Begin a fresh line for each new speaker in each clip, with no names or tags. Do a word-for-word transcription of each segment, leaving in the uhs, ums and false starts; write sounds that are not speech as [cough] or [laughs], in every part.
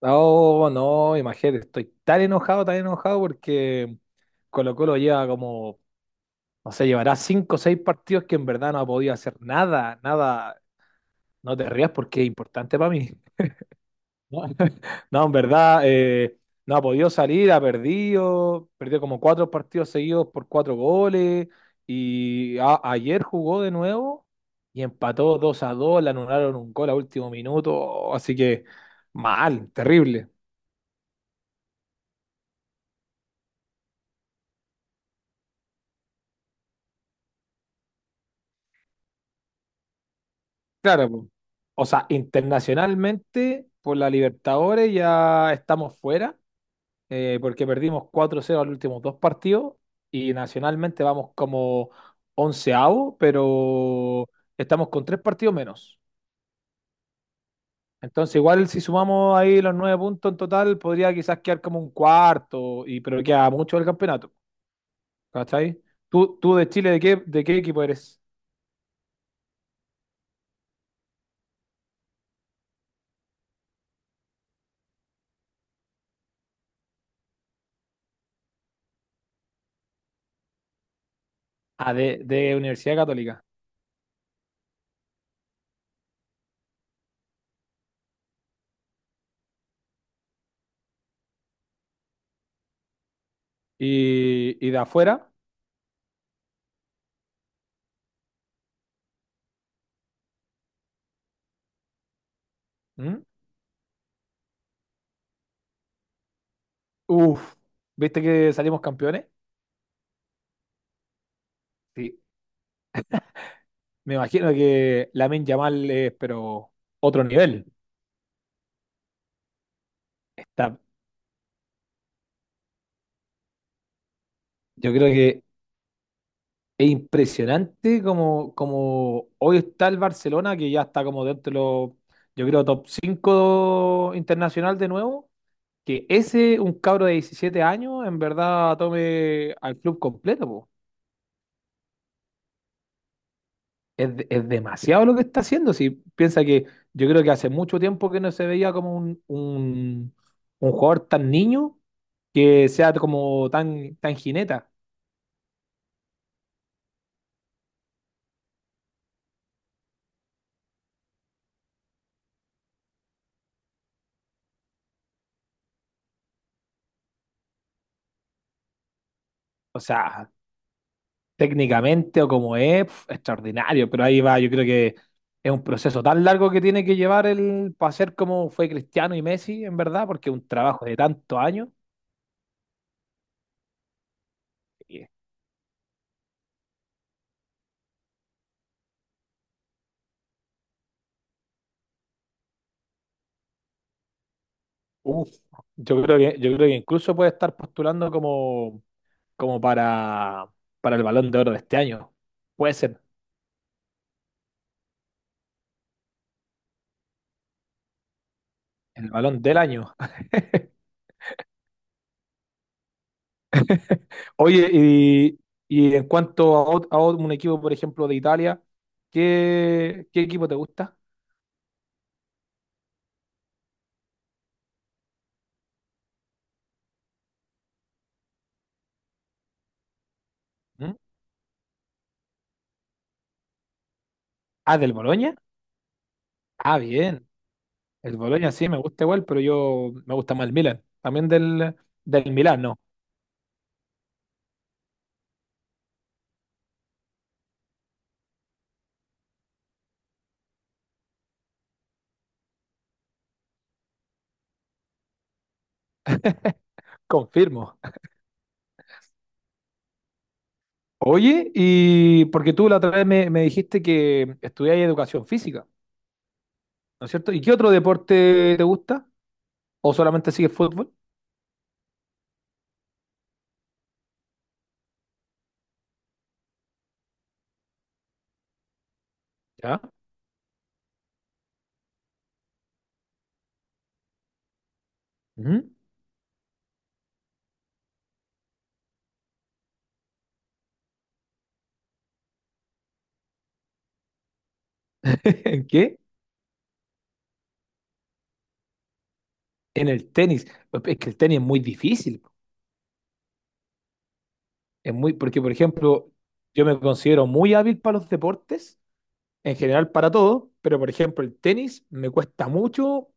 Oh, no, imagínate, estoy tan enojado, tan enojado porque Colo Colo lleva como, no sé, llevará cinco o seis partidos que en verdad no ha podido hacer nada, nada. No te rías porque es importante para mí. No, [laughs] no, en verdad, eh, no ha podido salir, ha perdido, perdió como cuatro partidos seguidos por cuatro goles y a- ayer jugó de nuevo y empató dos a dos, le anularon un gol a último minuto, así que mal, terrible. Claro, po. O sea, internacionalmente por la Libertadores ya estamos fuera, eh, porque perdimos cuatro cero los últimos dos partidos y nacionalmente vamos como onceavo, pero estamos con tres partidos menos. Entonces, igual si sumamos ahí los nueve puntos en total, podría quizás quedar como un cuarto, y, pero queda mucho del campeonato. ¿Cachai? ¿Tú, tú de Chile, ¿de qué, de qué equipo eres? Ah, de, de Universidad Católica. ¿Y, y de afuera? ¿Mm? Uf, ¿viste que salimos campeones? Sí, me imagino que Lamine Yamal es, pero otro nivel. Está, yo creo que es impresionante como, como hoy está el Barcelona, que ya está como dentro de los, yo creo, top cinco internacional de nuevo. Que ese, un cabro de diecisiete años, en verdad tome al club completo, po. Es, de- es demasiado lo que está haciendo. Si piensa que yo creo que hace mucho tiempo que no se veía como un, un, un jugador tan niño que sea como tan, tan jineta. O sea, técnicamente o como es, pf, extraordinario. Pero ahí va, yo creo que es un proceso tan largo que tiene que llevar el para ser como fue Cristiano y Messi, en verdad, porque es un trabajo de tantos años. Y, Uf, yo creo que, yo creo que incluso puede estar postulando como como para, para el Balón de Oro de este año. Puede ser el Balón del año. [laughs] Oye, y, y en cuanto a, ot- a ot- un equipo, por ejemplo, de Italia, ¿qué, qué equipo te gusta? ¿Mm? Ah, del Boloña. Ah, bien. El Boloña sí me gusta igual, pero yo me gusta más el Milan. También del, del Milan, no. Confirmo. Oye, y porque tú la otra vez me, me dijiste que estudiáis educación física, ¿no es cierto? ¿Y qué otro deporte te gusta? ¿O solamente sigues fútbol? ¿Ya? Ujú. ¿En qué? En el tenis. Es que el tenis es muy difícil. Es muy, porque, por ejemplo, yo me considero muy hábil para los deportes, en general para todo, pero, por ejemplo, el tenis me cuesta mucho,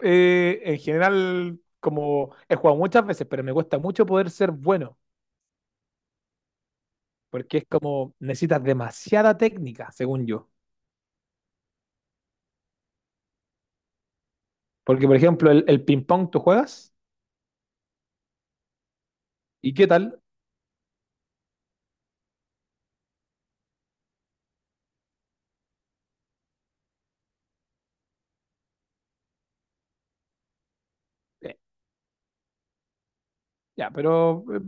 eh, en general, como he jugado muchas veces, pero me cuesta mucho poder ser bueno, porque es como necesitas demasiada técnica, según yo. Porque, por ejemplo, el, el ping-pong tú juegas, ¿y qué tal? Eh, ya, pero eh,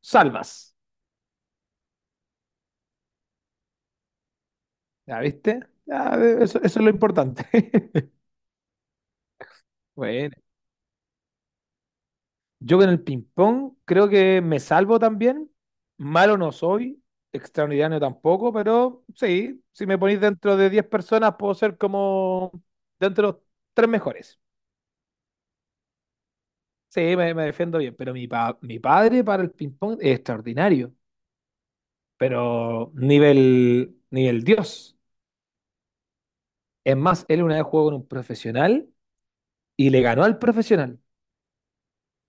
salvas, ¿ya viste? Ya, eh, eso eso es lo importante. [laughs] Bueno, yo con el ping-pong creo que me salvo también. Malo no soy, extraordinario tampoco, pero sí, si me ponéis dentro de diez personas, puedo ser como dentro de los tres mejores. Sí, me, me defiendo bien, pero mi, pa- mi padre para el ping-pong es extraordinario, pero nivel, nivel Dios. Es más, él una vez jugó con un profesional y le ganó al profesional.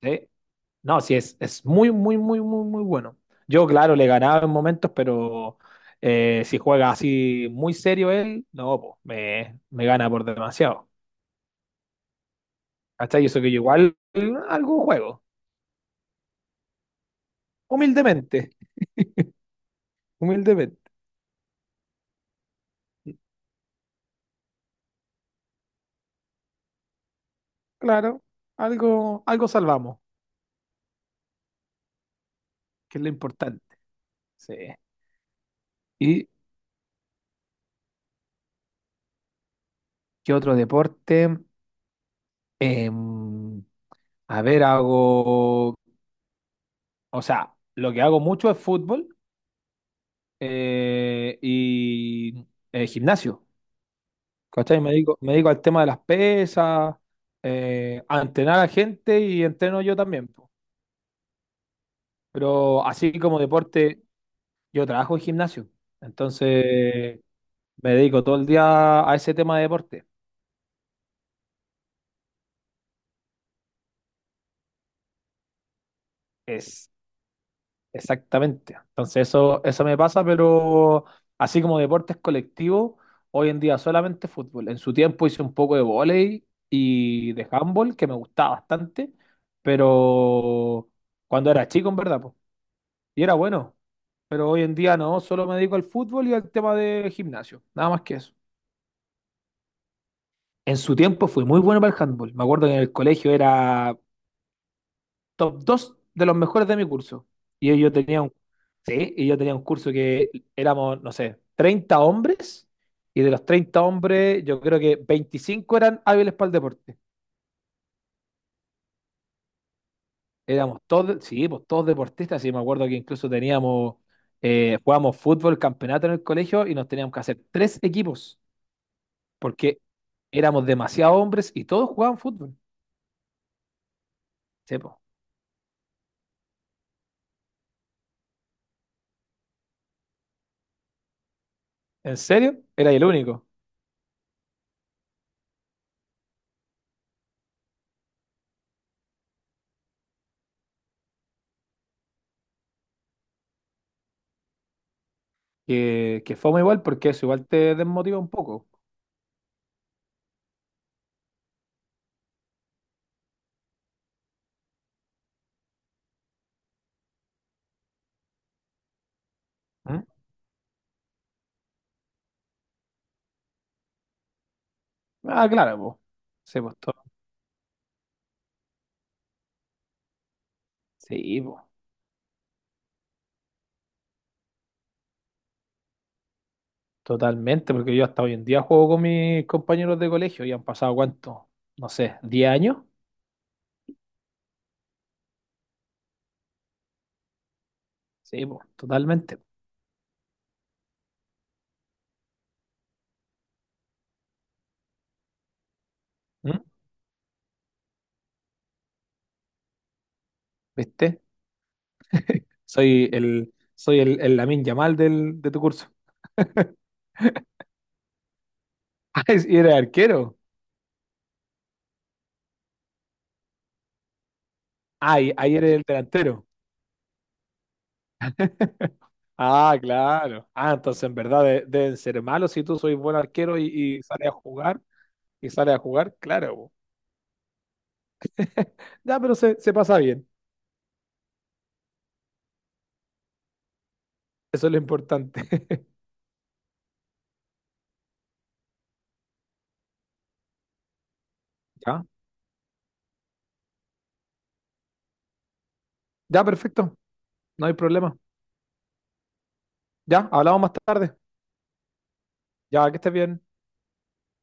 Sí. No, sí, es, es muy, muy, muy, muy, muy bueno. Yo, claro, le ganaba en momentos, pero eh, si juega así muy serio él, no, po, me, me gana por demasiado. Hasta eso que yo igual algo juego. Humildemente, humildemente. Claro, algo, algo salvamos, que es lo importante. Sí. ¿Y qué otro deporte? Em, a ver, hago, o sea, lo que hago mucho es fútbol eh, y eh, gimnasio, ¿cachai? Me dedico, me dedico al tema de las pesas, eh, a entrenar a gente y entreno yo también. Po. Pero así como deporte, yo trabajo en gimnasio, entonces me dedico todo el día a ese tema de deporte. Es Exactamente. Entonces eso, eso me pasa, pero así como deportes colectivos, hoy en día solamente fútbol. En su tiempo hice un poco de vóley y de handball, que me gustaba bastante, pero cuando era chico, en verdad, po, y era bueno. Pero hoy en día no, solo me dedico al fútbol y al tema de gimnasio, nada más que eso. En su tiempo fui muy bueno para el handball. Me acuerdo que en el colegio era top dos de los mejores de mi curso. Y yo tenía un, sí, y yo tenía un curso que éramos, no sé, treinta hombres, y de los treinta hombres, yo creo que veinticinco eran hábiles para el deporte. Éramos todos, sí, pues todos deportistas, y me acuerdo que incluso teníamos, eh, jugábamos fútbol, campeonato en el colegio, y nos teníamos que hacer tres equipos, porque éramos demasiados hombres y todos jugaban fútbol. Sí, po. ¿En serio? Era el único. Que, que fue muy igual porque eso igual te desmotiva un poco. ¿Mm? Ah, claro, pues. Sí, pues, to- sí, pues, totalmente, porque yo hasta hoy en día juego con mis compañeros de colegio y han pasado cuánto, no sé, diez años. Sí, pues, totalmente. ¿Mm? ¿Viste? Soy el, soy el, el Lamine Yamal del, de tu curso. [laughs] Ah, y eres arquero. Ah, y ahí eres el delantero. Ah, claro. Ah, entonces en verdad de- deben ser malos si tú sois buen arquero y, y sales a jugar. Y sales a jugar, claro. po. [laughs] Ya, pero se, se pasa bien. Eso es lo importante. [laughs] Ya, ya, perfecto. No hay problema. Ya, hablamos más tarde. Ya, que estés bien.